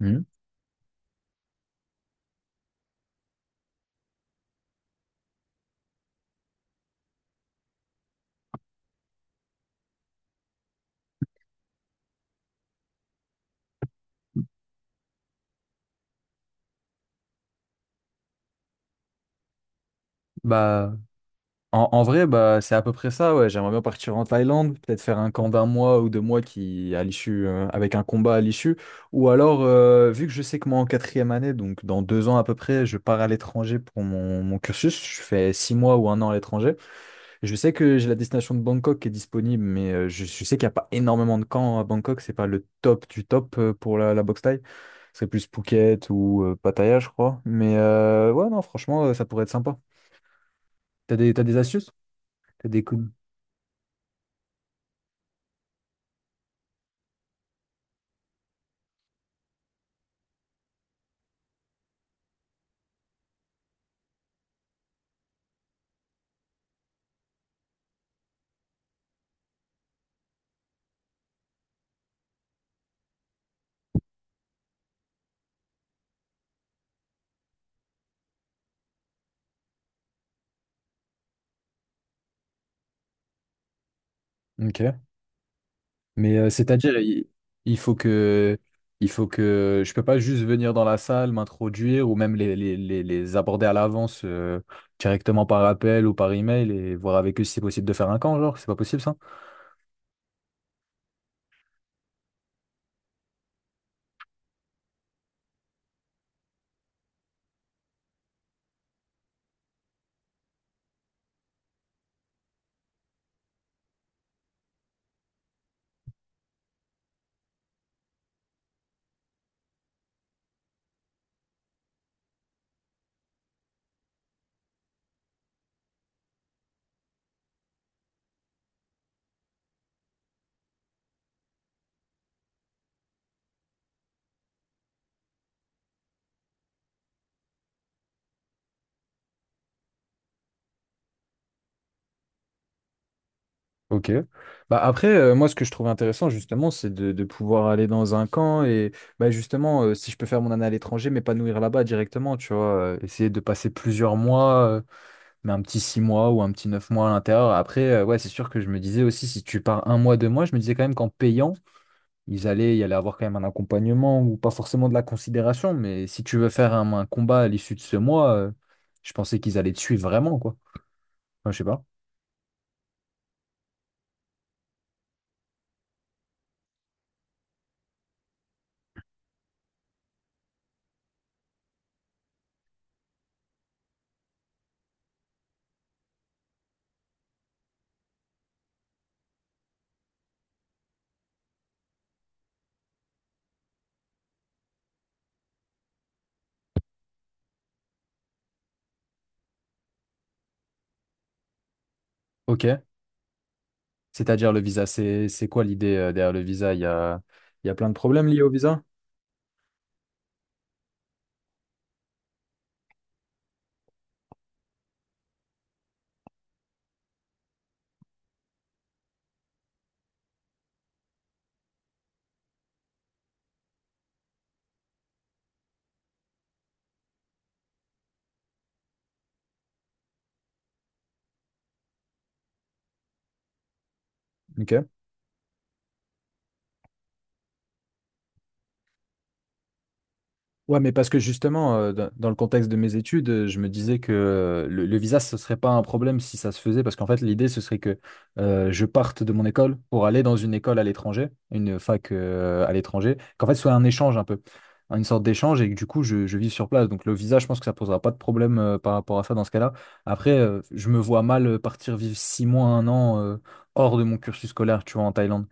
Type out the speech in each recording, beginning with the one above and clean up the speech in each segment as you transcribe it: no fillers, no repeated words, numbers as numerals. Mhm. Bah, en vrai, bah, c'est à peu près ça, ouais. J'aimerais bien partir en Thaïlande, peut-être faire un camp d'un mois ou 2 mois qui, à l'issue, avec un combat à l'issue. Ou alors, vu que je sais que moi, en quatrième année, donc dans 2 ans à peu près, je pars à l'étranger pour mon cursus. Je fais 6 mois ou un an à l'étranger. Je sais que j'ai la destination de Bangkok qui est disponible, mais je sais qu'il n'y a pas énormément de camps à Bangkok. C'est pas le top du top pour la boxe thaï. Ce serait plus Phuket ou Pattaya, je crois. Mais ouais, non, franchement, ça pourrait être sympa. T'as des astuces? T'as des coups. Ok. Mais c'est-à-dire, il faut que, je peux pas juste venir dans la salle, m'introduire ou même les aborder à l'avance directement par appel ou par email et voir avec eux si c'est possible de faire un camp, genre, c'est pas possible ça? Ok. Bah après, moi, ce que je trouve intéressant, justement, c'est de pouvoir aller dans un camp et bah, justement, si je peux faire mon année à l'étranger, m'épanouir là-bas directement, tu vois, essayer de passer plusieurs mois. Mais un petit 6 mois ou un petit 9 mois à l'intérieur. Après, ouais, c'est sûr que je me disais aussi, si tu pars un mois, 2 mois, je me disais quand même qu'en payant, il allait avoir quand même un accompagnement ou pas forcément de la considération, mais si tu veux faire un combat à l'issue de ce mois, je pensais qu'ils allaient te suivre vraiment, quoi. Enfin, je sais pas. Ok. C'est-à-dire le visa, c'est quoi l'idée derrière le visa? Il y a plein de problèmes liés au visa? Ok. Ouais, mais parce que justement, dans le contexte de mes études, je me disais que le visa, ce serait pas un problème si ça se faisait, parce qu'en fait, l'idée, ce serait que je parte de mon école pour aller dans une école à l'étranger, une fac à l'étranger, qu'en fait, ce soit un échange un peu, une sorte d'échange, et que du coup, je vive sur place. Donc, le visa, je pense que ça posera pas de problème par rapport à ça dans ce cas-là. Après, je me vois mal partir vivre 6 mois, un an hors de mon cursus scolaire, tu vois, en Thaïlande.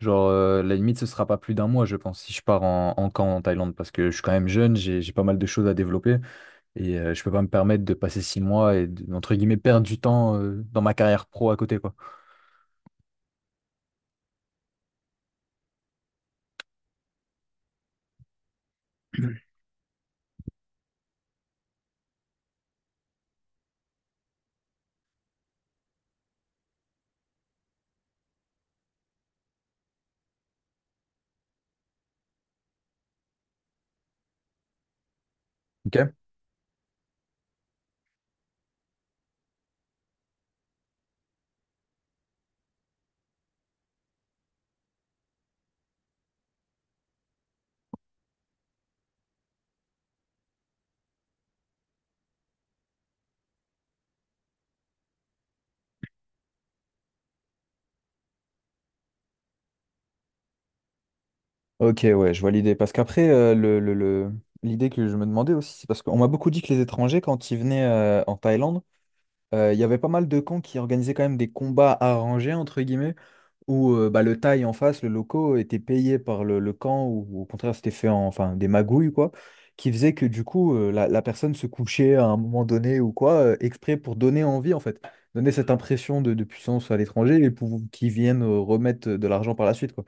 Genre, la limite, ce sera pas plus d'un mois, je pense, si je pars en camp en Thaïlande, parce que je suis quand même jeune, j'ai pas mal de choses à développer, et je peux pas me permettre de passer 6 mois entre guillemets, perdre du temps dans ma carrière pro à côté, quoi. Ok? Ok, ouais, je vois l'idée. Parce qu'après, l'idée que je me demandais aussi, c'est parce qu'on m'a beaucoup dit que les étrangers, quand ils venaient en Thaïlande, il y avait pas mal de camps qui organisaient quand même des combats arrangés, entre guillemets. Où bah, le taille en face, le loco, était payé par le camp, ou au contraire, c'était fait enfin, des magouilles, quoi, qui faisait que du coup, la personne se couchait à un moment donné ou quoi, exprès pour donner envie, en fait, donner cette impression de puissance à l'étranger et pour qu'ils viennent remettre de l'argent par la suite, quoi.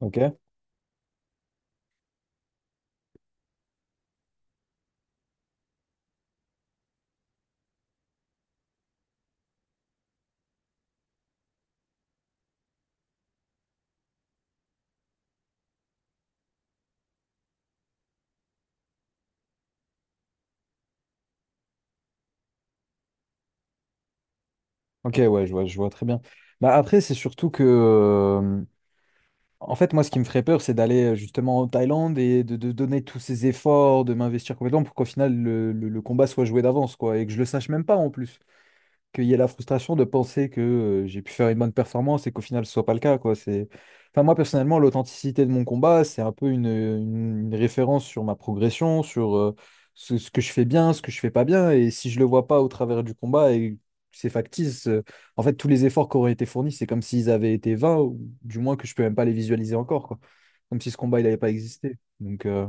Ok? Ok, ouais, je vois très bien. Bah, après, c'est surtout que. En fait, moi, ce qui me ferait peur, c'est d'aller justement en Thaïlande et de donner tous ces efforts, de m'investir complètement pour qu'au final, le combat soit joué d'avance, quoi, et que je le sache même pas en plus. Qu'il y ait la frustration de penser que j'ai pu faire une bonne performance et qu'au final ce soit pas le cas, quoi. C'est. Enfin, moi personnellement, l'authenticité de mon combat, c'est un peu une référence sur ma progression, sur ce que je fais bien, ce que je fais pas bien, et si je le vois pas au travers du combat et c'est factice, en fait tous les efforts qui auraient été fournis, c'est comme s'ils avaient été vains, ou du moins que je peux même pas les visualiser encore, quoi. Comme si ce combat il n'avait pas existé. Donc,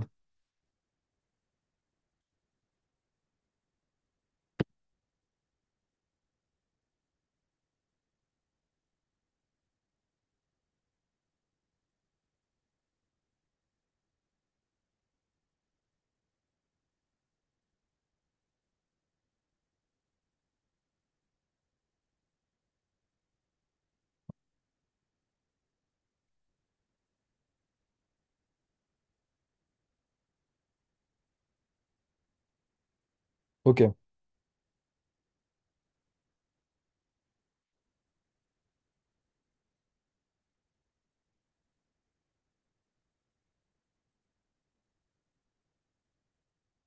ok,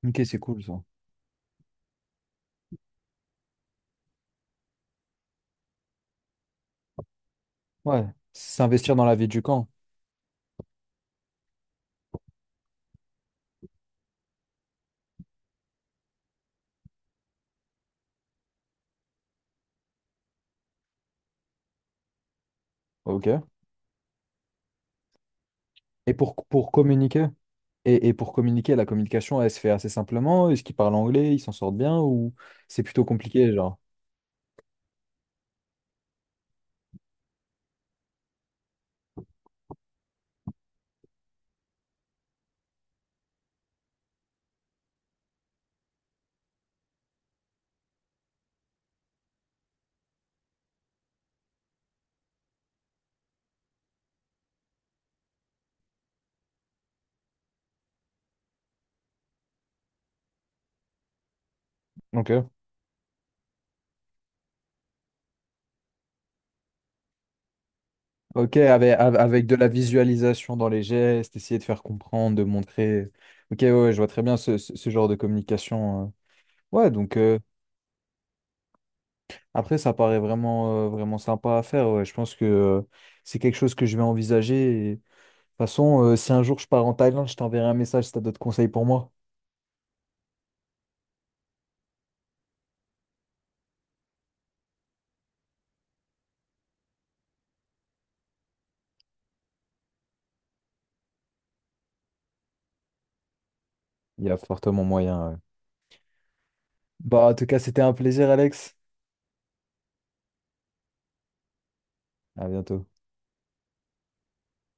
ok, c'est cool ça. Ouais, s'investir dans la vie du camp. Ok. Et pour communiquer? Et pour communiquer, la communication, elle se fait assez simplement. Est-ce qu'ils parlent anglais, ils s'en sortent bien ou c'est plutôt compliqué, genre? Ok. Ok, avec de la visualisation dans les gestes, essayer de faire comprendre, de montrer. Ok, ouais, ouais, je vois très bien ce genre de communication, hein. Ouais, donc après, ça paraît vraiment, vraiment sympa à faire, ouais. Je pense que c'est quelque chose que je vais envisager. Et, de toute façon, si un jour je pars en Thaïlande, je t'enverrai un message si tu as d'autres conseils pour moi. Il y a fortement moyen, ouais. Bah, en tout cas, c'était un plaisir, Alex. À bientôt.